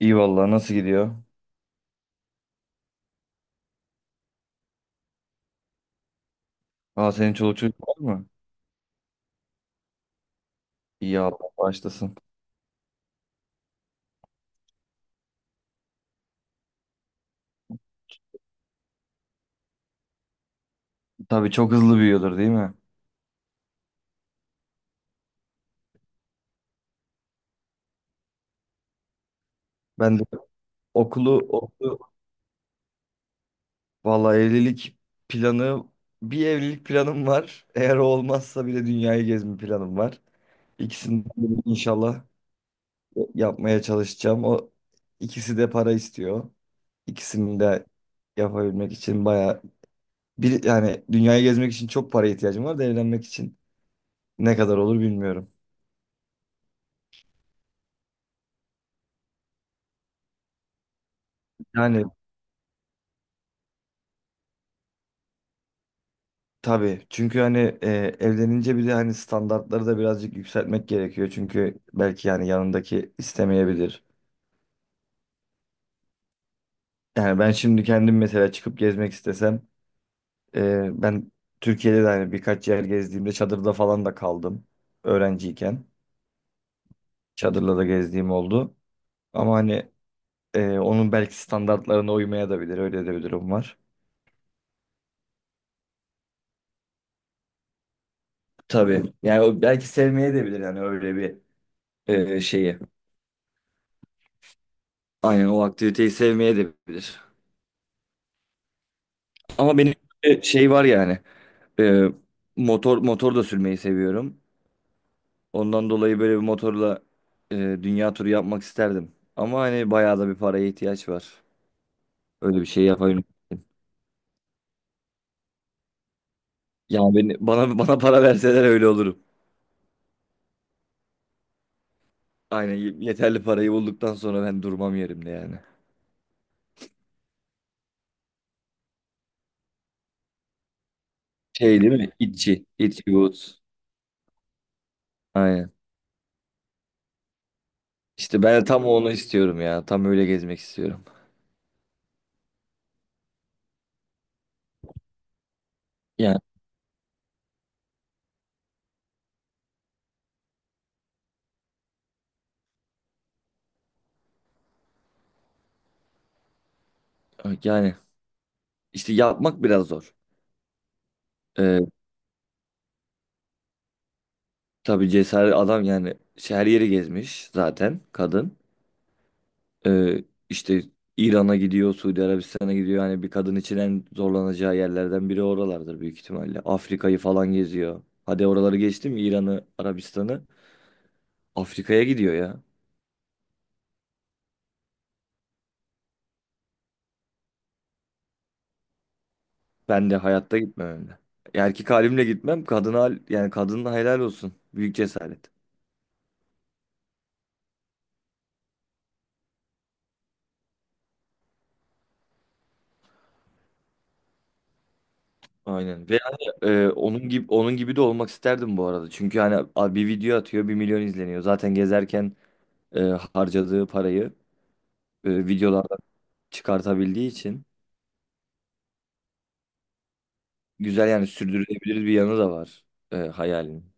İyi vallahi nasıl gidiyor? Aa, senin çoluk çocuk var mı? İyi, Allah başlasın. Tabii çok hızlı büyüyordur, değil mi? Ben de okulu, okulu vallahi evlilik planı Bir evlilik planım var. Eğer o olmazsa bile dünyayı gezme planım var. İkisini de inşallah yapmaya çalışacağım. O ikisi de para istiyor. İkisini de yapabilmek için bayağı bir yani dünyayı gezmek için çok para ihtiyacım var da evlenmek için ne kadar olur bilmiyorum. Yani. Tabii, çünkü hani evlenince bir de hani standartları da birazcık yükseltmek gerekiyor. Çünkü belki yani yanındaki istemeyebilir. Yani ben şimdi kendim mesela çıkıp gezmek istesem ben Türkiye'de de hani birkaç yer gezdiğimde çadırda falan da kaldım. Öğrenciyken çadırla da gezdiğim oldu. Ama hani onun belki standartlarına uymaya da bilir. Öyle de bir durum var. Tabii, yani o belki sevmeye de bilir yani öyle bir şeyi. Aynen, o aktiviteyi sevmeye de bilir. Ama benim bir şey var yani. e, motor da sürmeyi seviyorum. Ondan dolayı böyle bir motorla dünya turu yapmak isterdim. Ama hani bayağı da bir paraya ihtiyaç var. Öyle bir şey yapabilirim. Yani bana bana para verseler öyle olurum. Aynen, yeterli parayı bulduktan sonra ben durmam yerimde yani. Şey değil mi? İtçi. İtçi Woods. Aynen. İşte ben de tam onu istiyorum ya. Tam öyle gezmek istiyorum. Yani yani işte yapmak biraz zor. Tabii cesaret adam yani şey, her yeri gezmiş zaten kadın. Ee, işte İran'a gidiyor, Suudi Arabistan'a gidiyor. Yani bir kadın için en zorlanacağı yerlerden biri oralardır büyük ihtimalle. Afrika'yı falan geziyor. Hadi oraları geçtim, İran'ı, Arabistan'ı. Afrika'ya gidiyor ya. Ben de hayatta gitmem hem de. Erkek halimle gitmem. Kadına, yani kadına helal olsun. Büyük cesaret. Aynen. Ve hani onun gibi de olmak isterdim bu arada. Çünkü hani bir video atıyor, 1 milyon izleniyor. Zaten gezerken harcadığı parayı videolardan çıkartabildiği için güzel, yani sürdürülebilir bir yanı da var hayalin.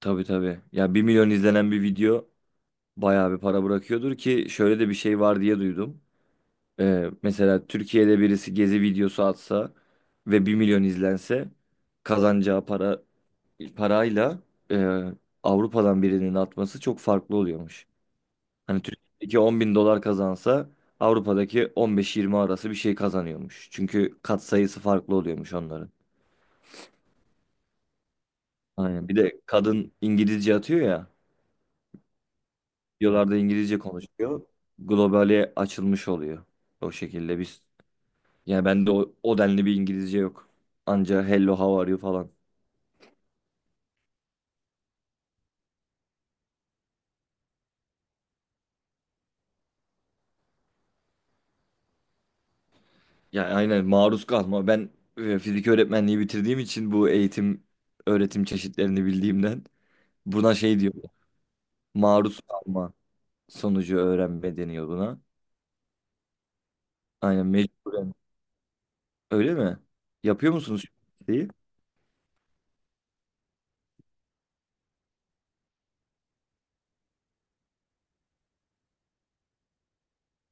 Tabii, tabii. Ya, 1 milyon izlenen bir video bayağı bir para bırakıyordur ki şöyle de bir şey var diye duydum. E, mesela Türkiye'de birisi gezi videosu atsa ve 1 milyon izlense kazanacağı parayla e, Avrupa'dan birinin atması çok farklı oluyormuş. Hani Türkiye'deki 10 bin dolar kazansa Avrupa'daki 15-20 arası bir şey kazanıyormuş. Çünkü katsayısı farklı oluyormuş onların. Aynen. Bir de kadın İngilizce atıyor ya. Videolarda İngilizce konuşuyor. Globale açılmış oluyor. O şekilde biz. Yani bende o denli bir İngilizce yok. Anca "hello how are you" falan. Yani, aynen, maruz kalma. Ben fizik öğretmenliği bitirdiğim için bu eğitim öğretim çeşitlerini bildiğimden buna şey diyor. Maruz kalma sonucu öğrenme deniyor buna. Aynen, mecburen. Öyle mi? Yapıyor musunuz şu şeyi?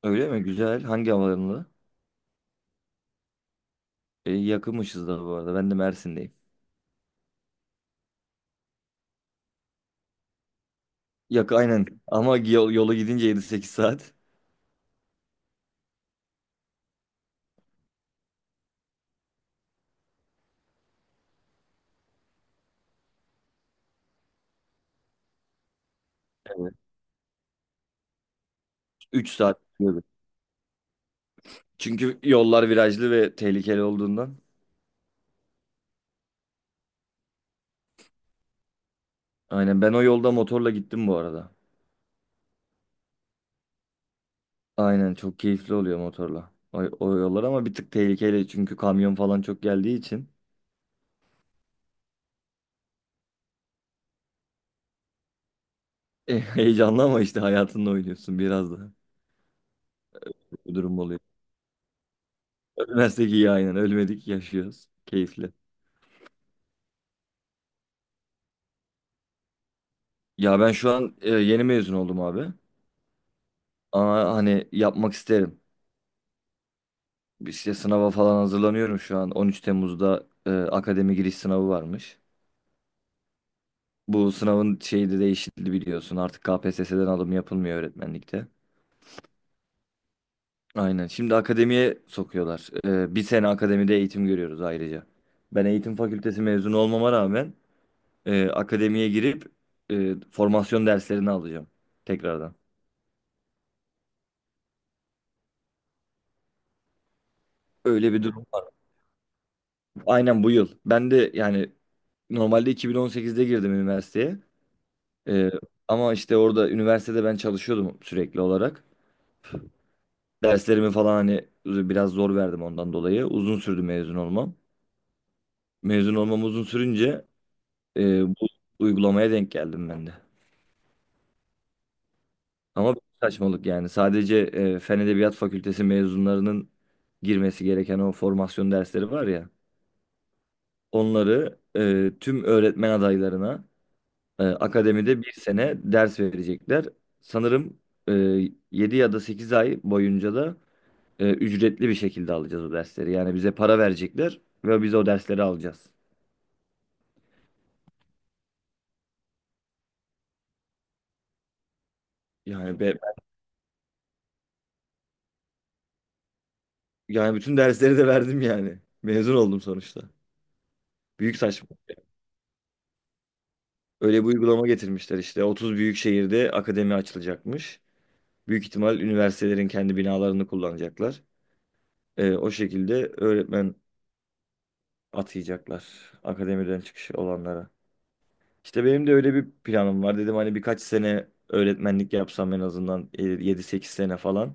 Öyle mi? Güzel. Hangi havalarında? E, yakınmışız da bu arada. Ben de Mersin'deyim. Yakın, aynen. Ama yola gidince 7-8 saat. Evet. 3 saat sürüyordu. Çünkü yollar virajlı ve tehlikeli olduğundan. Aynen. Ben o yolda motorla gittim bu arada. Aynen. Çok keyifli oluyor motorla. O yollar ama bir tık tehlikeli. Çünkü kamyon falan çok geldiği için. E, heyecanlı ama işte hayatınla oynuyorsun biraz da. Bu durum oluyor. Ölmezsek iyi, aynen. Ölmedik, yaşıyoruz. Keyifli. Ya, ben şu an yeni mezun oldum abi. Ama hani yapmak isterim. İşte sınava falan hazırlanıyorum şu an. 13 Temmuz'da akademi giriş sınavı varmış. Bu sınavın şeyi de değişti, biliyorsun. Artık KPSS'den alım yapılmıyor öğretmenlikte. Aynen. Şimdi akademiye sokuyorlar. Bir sene akademide eğitim görüyoruz ayrıca. Ben eğitim fakültesi mezunu olmama rağmen akademiye girip formasyon derslerini alacağım tekrardan. Öyle bir durum. Aynen, bu yıl. Ben de yani normalde 2018'de girdim üniversiteye. Ee, Ama işte orada üniversitede ben çalışıyordum sürekli olarak. Derslerimi falan hani biraz zor verdim ondan dolayı. Uzun sürdü mezun olmam. Mezun olmam uzun sürünce bu uygulamaya denk geldim ben de. Ama bir saçmalık yani. Sadece Fen Edebiyat Fakültesi mezunlarının girmesi gereken o formasyon dersleri var ya. Onları tüm öğretmen adaylarına, akademide bir sene ders verecekler. Sanırım e, 7 ya da 8 ay boyunca da ücretli bir şekilde alacağız o dersleri. Yani bize para verecekler ve biz o dersleri alacağız. Yani be, yani bütün dersleri de verdim yani. Mezun oldum sonuçta. Büyük saçma. Öyle bir uygulama getirmişler işte. 30 büyük şehirde akademi açılacakmış. Büyük ihtimal üniversitelerin kendi binalarını kullanacaklar. O şekilde öğretmen atayacaklar akademiden çıkış olanlara. İşte benim de öyle bir planım var. Dedim hani birkaç sene öğretmenlik yapsam en azından 7-8 sene falan.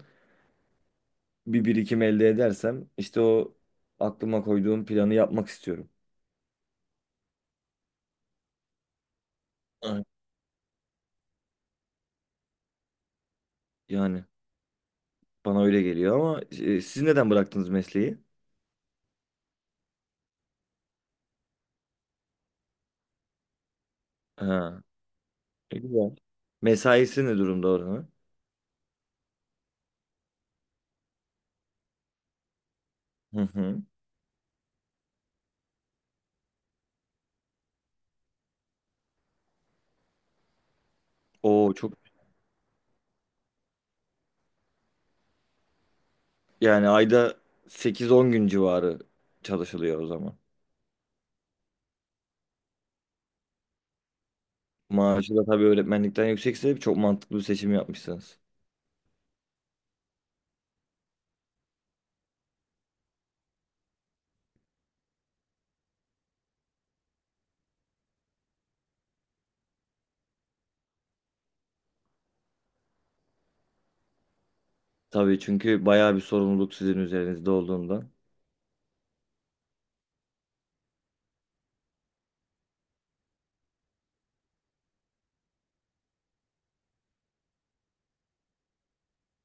Bir birikim elde edersem işte o aklıma koyduğum planı yapmak istiyorum. Evet. Yani bana öyle geliyor ama siz neden bıraktınız mesleği? Ha, güzel. Mesaisi ne durumda oranın? Hı hı. Oo, çok yani ayda 8-10 gün civarı çalışılıyor o zaman. Maaşı da tabii öğretmenlikten yüksekse çok mantıklı bir seçim yapmışsınız. Tabii çünkü bayağı bir sorumluluk sizin üzerinizde olduğundan.